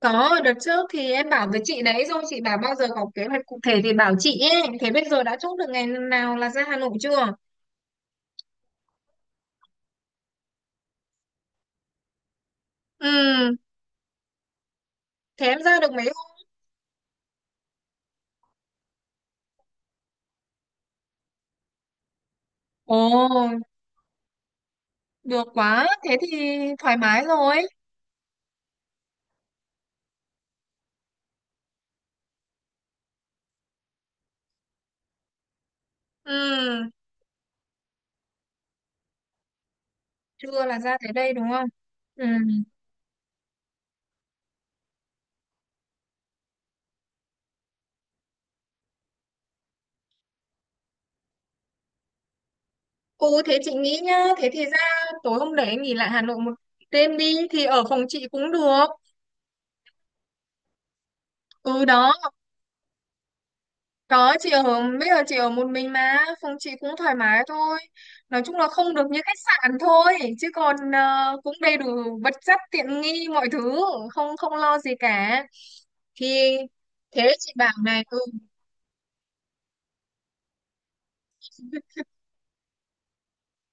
Có, đợt trước thì em bảo với chị đấy rồi, chị bảo bao giờ có kế hoạch cụ thể thì bảo chị ấy. Thế bây giờ đã chốt được ngày nào là ra Hà Nội chưa? Ừ, thế em ra được mấy hôm? Ồ, được quá, thế thì thoải mái rồi. Ừ, trưa là ra tới đây đúng không? Ừ. Ừ, thế chị nghĩ nhá, thế thì ra tối hôm đấy em nghỉ lại Hà Nội một đêm đi, thì ở phòng chị cũng được. Ừ đó, Có, chị ở bây giờ chị ở một mình mà phòng chị cũng thoải mái thôi, nói chung là không được như khách sạn thôi chứ còn cũng đầy đủ vật chất tiện nghi mọi thứ, không không lo gì cả. Thì thế chị bảo này, ừ,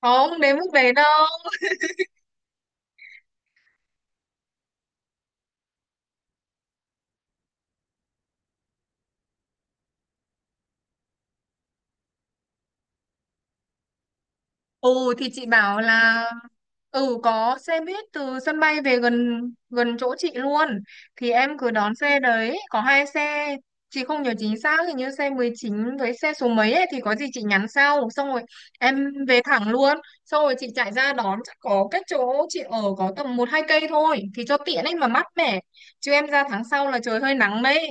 không đến mức đấy đâu. Ừ thì chị bảo là ừ có xe buýt từ sân bay về gần gần chỗ chị luôn, thì em cứ đón xe đấy, có hai xe chị không nhớ chính xác, hình như xe 19 với xe số mấy ấy, thì có gì chị nhắn sau, xong rồi em về thẳng luôn, xong rồi chị chạy ra đón, chắc có cách chỗ chị ở có tầm một hai cây thôi thì cho tiện ấy mà mát mẻ, chứ em ra tháng sau là trời hơi nắng đấy.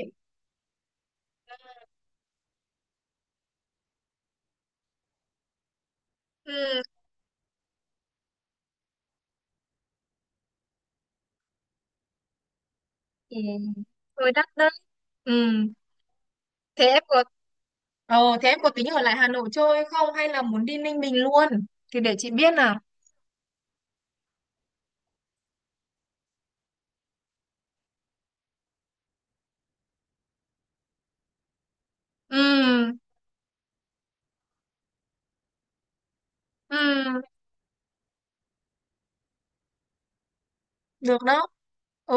Ừ, ừ. Rồi đắt đấy. Ừ. Thế em có thế em có tính ở lại Hà Nội chơi không hay là muốn đi Ninh Bình luôn? Thì để chị biết nào. Ừ, ừ, được đó. Ừ,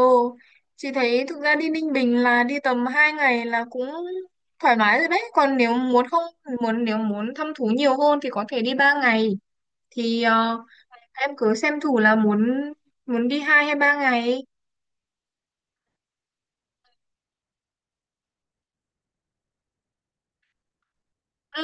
chị thấy thực ra đi Ninh Bình là đi tầm 2 ngày là cũng thoải mái rồi đấy. Còn nếu muốn không, muốn nếu muốn thăm thú nhiều hơn thì có thể đi 3 ngày. Thì ờ, em cứ xem thử là muốn muốn đi 2 hay 3 ngày. Ừ,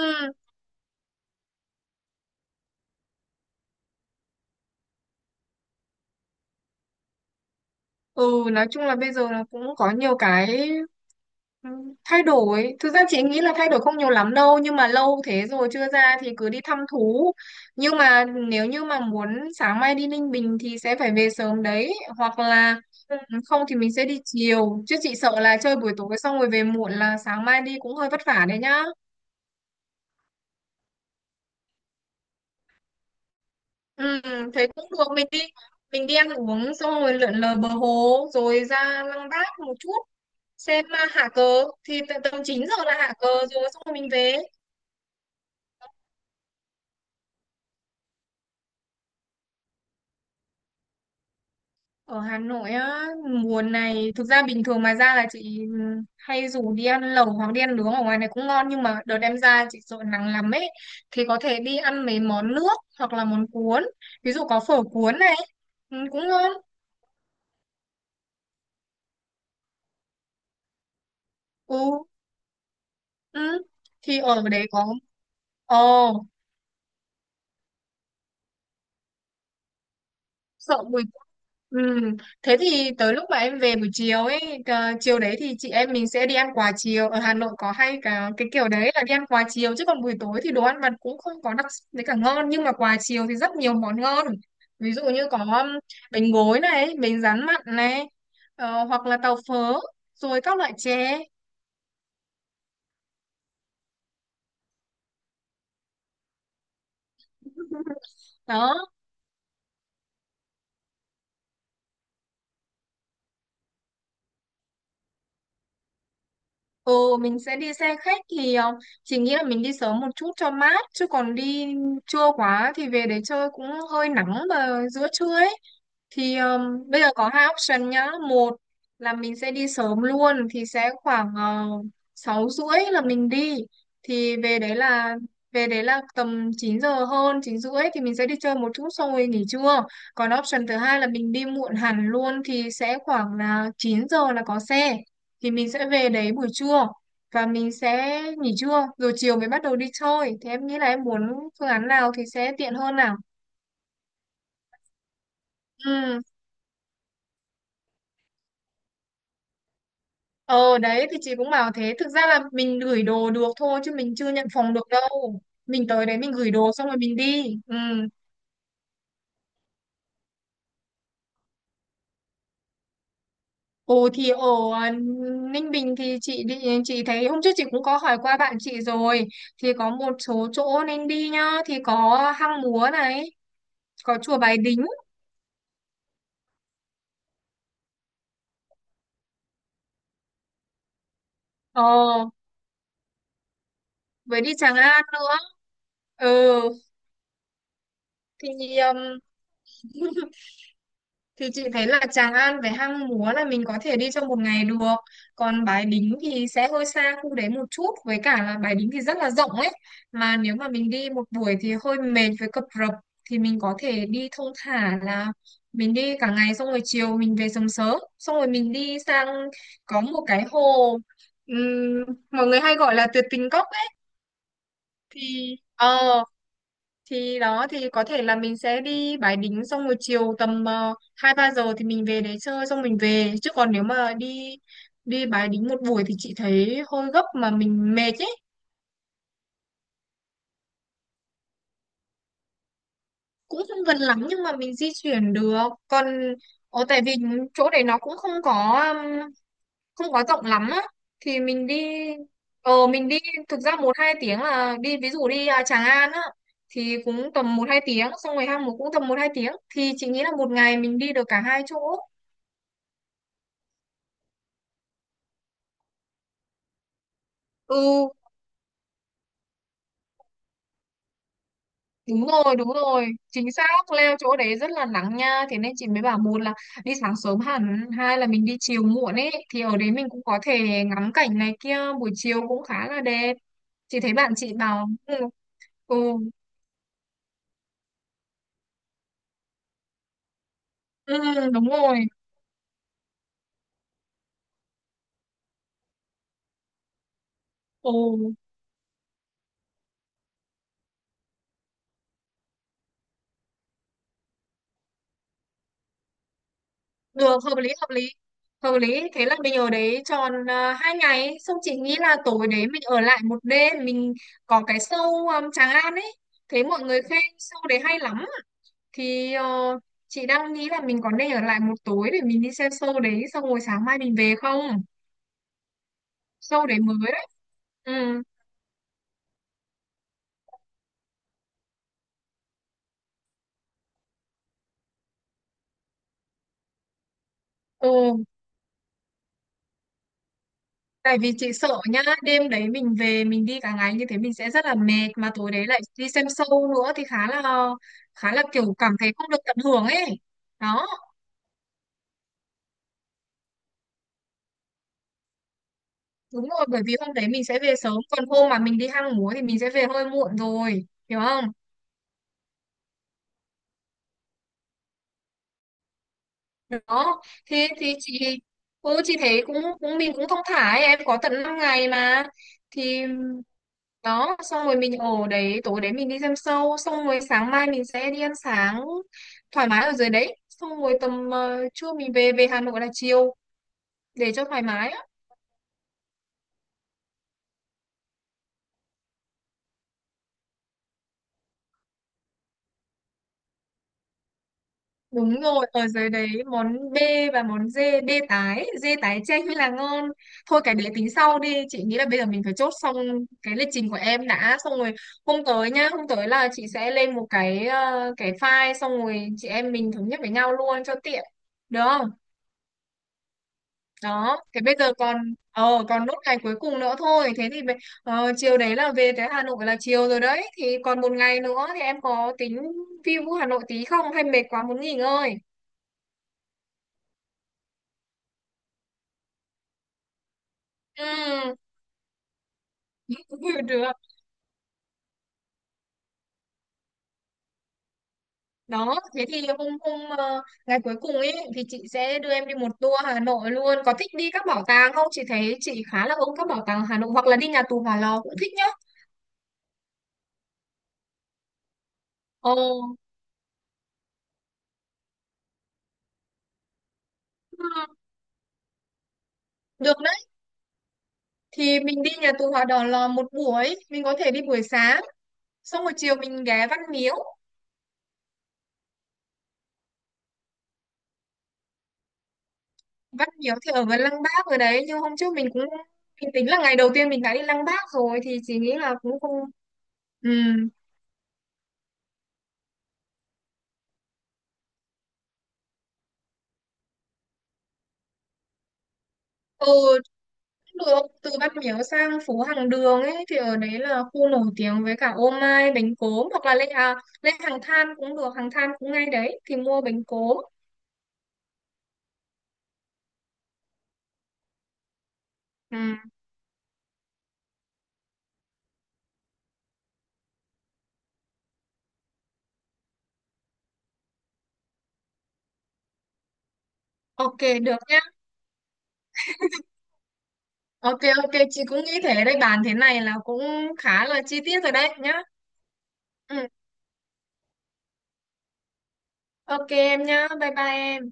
ừ, nói chung là bây giờ nó cũng có nhiều cái. Ừ, thay đổi, thực ra chị nghĩ là thay đổi không nhiều lắm đâu nhưng mà lâu thế rồi chưa ra thì cứ đi thăm thú. Nhưng mà nếu như mà muốn sáng mai đi Ninh Bình thì sẽ phải về sớm đấy hoặc là ừ, không thì mình sẽ đi chiều, chứ chị sợ là chơi buổi tối xong rồi về muộn là sáng mai đi cũng hơi vất vả đấy nhá. Ừ, thế cũng được, mình đi ăn uống xong rồi lượn lờ bờ hồ rồi ra Lăng Bác một chút xem hạ cờ thì tầm tầm 9 giờ là hạ cờ, rồi xong rồi mình về. Ở Hà Nội á, mùa này thực ra bình thường mà ra là chị hay rủ đi ăn lẩu hoặc đi ăn nướng ở ngoài này cũng ngon, nhưng mà đợt em ra chị sợ nắng lắm ấy, thì có thể đi ăn mấy món nước hoặc là món cuốn, ví dụ có phở cuốn này, ừ, cũng ngon. Ừ, ừ. Thì ở đấy có. Ồ, sợ mùi. Ừ. Thế thì tới lúc mà em về buổi chiều ấy, chiều đấy thì chị em mình sẽ đi ăn quà chiều ở Hà Nội, có hay cả cái kiểu đấy là đi ăn quà chiều, chứ còn buổi tối thì đồ ăn vặt cũng không có đặc sắc với cả ngon, nhưng mà quà chiều thì rất nhiều món ngon, ví dụ như có bánh gối này, bánh rán mặn này, hoặc là tàu phớ rồi các loại chè. Đó. Ừ, mình sẽ đi xe khách thì chỉ nghĩ là mình đi sớm một chút cho mát, chứ còn đi trưa quá thì về để chơi cũng hơi nắng vào giữa trưa ấy. Thì bây giờ có hai option nhá, một là mình sẽ đi sớm luôn thì sẽ khoảng uh, 6 rưỡi là mình đi, thì về đấy là tầm 9 giờ hơn 9 rưỡi thì mình sẽ đi chơi một chút xong rồi nghỉ trưa. Còn option thứ hai là mình đi muộn hẳn luôn thì sẽ khoảng là 9 giờ là có xe, thì mình sẽ về đấy buổi trưa và mình sẽ nghỉ trưa rồi chiều mới bắt đầu đi chơi, thì em nghĩ là em muốn phương án nào thì sẽ tiện hơn nào. Ừ. Ờ đấy thì chị cũng bảo thế. Thực ra là mình gửi đồ được thôi, chứ mình chưa nhận phòng được đâu. Mình tới đấy mình gửi đồ xong rồi mình đi, ừ. Ồ thì ở à, Ninh Bình thì chị đi, chị thấy hôm trước chị cũng có hỏi qua bạn chị rồi, thì có một số chỗ nên đi nhá, thì có Hang Múa này, có chùa Bái Đính. Ờ với đi Tràng An nữa. Ừ thì um, thì chị thấy là Tràng An với Hang Múa là mình có thể đi trong một ngày được. Còn Bái Đính thì sẽ hơi xa khu đấy một chút. Với cả là Bái Đính thì rất là rộng ấy. Mà nếu mà mình đi một buổi thì hơi mệt với cập rập. Thì mình có thể đi thong thả là mình đi cả ngày xong rồi chiều mình về sớm sớm. Xong rồi mình đi sang có một cái hồ, ừm, mọi người hay gọi là tuyệt tình cốc ấy. Thì ờ thì đó thì có thể là mình sẽ đi Bái Đính xong rồi chiều tầm hai ba giờ thì mình về đấy chơi xong mình về, chứ còn nếu mà đi đi Bái Đính một buổi thì chị thấy hơi gấp mà mình mệt ấy. Cũng không gần lắm nhưng mà mình di chuyển được, còn ở tại vì chỗ đấy nó cũng không có um, không có rộng lắm á. Thì mình đi thực ra một hai tiếng là đi, ví dụ đi Tràng An á thì cũng tầm một hai tiếng, xong rồi Hang Múc cũng tầm một hai tiếng, thì chị nghĩ là một ngày mình đi được cả hai chỗ. Ừ. Đúng rồi, chính xác, leo chỗ đấy rất là nắng nha, thế nên chị mới bảo một là đi sáng sớm hẳn, hai là mình đi chiều muộn ấy, thì ở đấy mình cũng có thể ngắm cảnh này kia, buổi chiều cũng khá là đẹp. Chị thấy bạn chị bảo, ừ, ừ, ừ đúng rồi, ừ, được, hợp lý, hợp lý, hợp lý, thế là mình ở đấy tròn hai ngày, xong chị nghĩ là tối đấy mình ở lại một đêm, mình có cái show Tràng An ấy, thấy mọi người khen show đấy hay lắm. Thì chị đang nghĩ là mình có nên ở lại một tối để mình đi xem show đấy xong rồi sáng mai mình về không. Show đấy mới đấy. Ừ. Ồ, tại vì chị sợ nhá đêm đấy mình về mình đi cả ngày như thế mình sẽ rất là mệt mà tối đấy lại đi xem show nữa thì là khá là kiểu cảm thấy không được tận hưởng ấy. Đó đúng rồi, bởi vì hôm đấy mình sẽ về sớm, còn hôm mà mình đi hang múa thì mình sẽ về hơi muộn rồi, hiểu không? Đó thì chị, ừ, chị thấy cũng cũng mình cũng thong thả ấy. Em có tận 5 ngày mà, thì đó xong rồi mình ở đấy tối đấy mình đi xem show xong rồi sáng mai mình sẽ đi ăn sáng thoải mái ở dưới đấy, xong rồi tầm trưa mình về về Hà Nội là chiều, để cho thoải mái. Đúng rồi, ở dưới đấy món B và món D, B tái, D tái chay mới là ngon. Thôi cái đấy tính sau đi, chị nghĩ là bây giờ mình phải chốt xong cái lịch trình của em đã, xong rồi hôm tới nhá, hôm tới là chị sẽ lên một cái cái file, xong rồi chị em mình thống nhất với nhau luôn cho tiện. Được không? Đó, thế bây giờ còn còn nốt ngày cuối cùng nữa thôi, thế thì chiều đấy là về tới Hà Nội là chiều rồi đấy, thì còn một ngày nữa thì em có tính view Hà Nội tí không hay mệt quá muốn nghỉ ngơi? Ừ. Ừ, được đó, thế thì hôm hôm ờ, ngày cuối cùng ấy thì chị sẽ đưa em đi một tour Hà Nội luôn, có thích đi các bảo tàng không, chị thấy chị khá là ưng các bảo tàng Hà Nội hoặc là đi nhà tù Hỏa Lò cũng thích nhá. Ồ. Ừ, được đấy, thì mình đi nhà tù Hỏa Đỏ Lò một buổi mình có thể đi buổi sáng, xong buổi chiều mình ghé Văn Miếu. Văn Miếu thì ở gần Lăng Bác rồi đấy, nhưng hôm trước mình cũng mình tính là ngày đầu tiên mình đã đi Lăng Bác rồi thì chị nghĩ là cũng không. Ừ. Ừ, được từ Văn Miếu sang phố Hàng Đường ấy, thì ở đấy là khu nổi tiếng với cả ô mai bánh cốm, hoặc là lên Hàng Than cũng được, Hàng Than cũng ngay đấy thì mua bánh cốm. Ừ. OK được nhá. OK OK, chị cũng nghĩ thế đấy, bàn thế này là cũng khá là chi tiết rồi đấy nhá. Ừ. OK em nhá, bye bye em.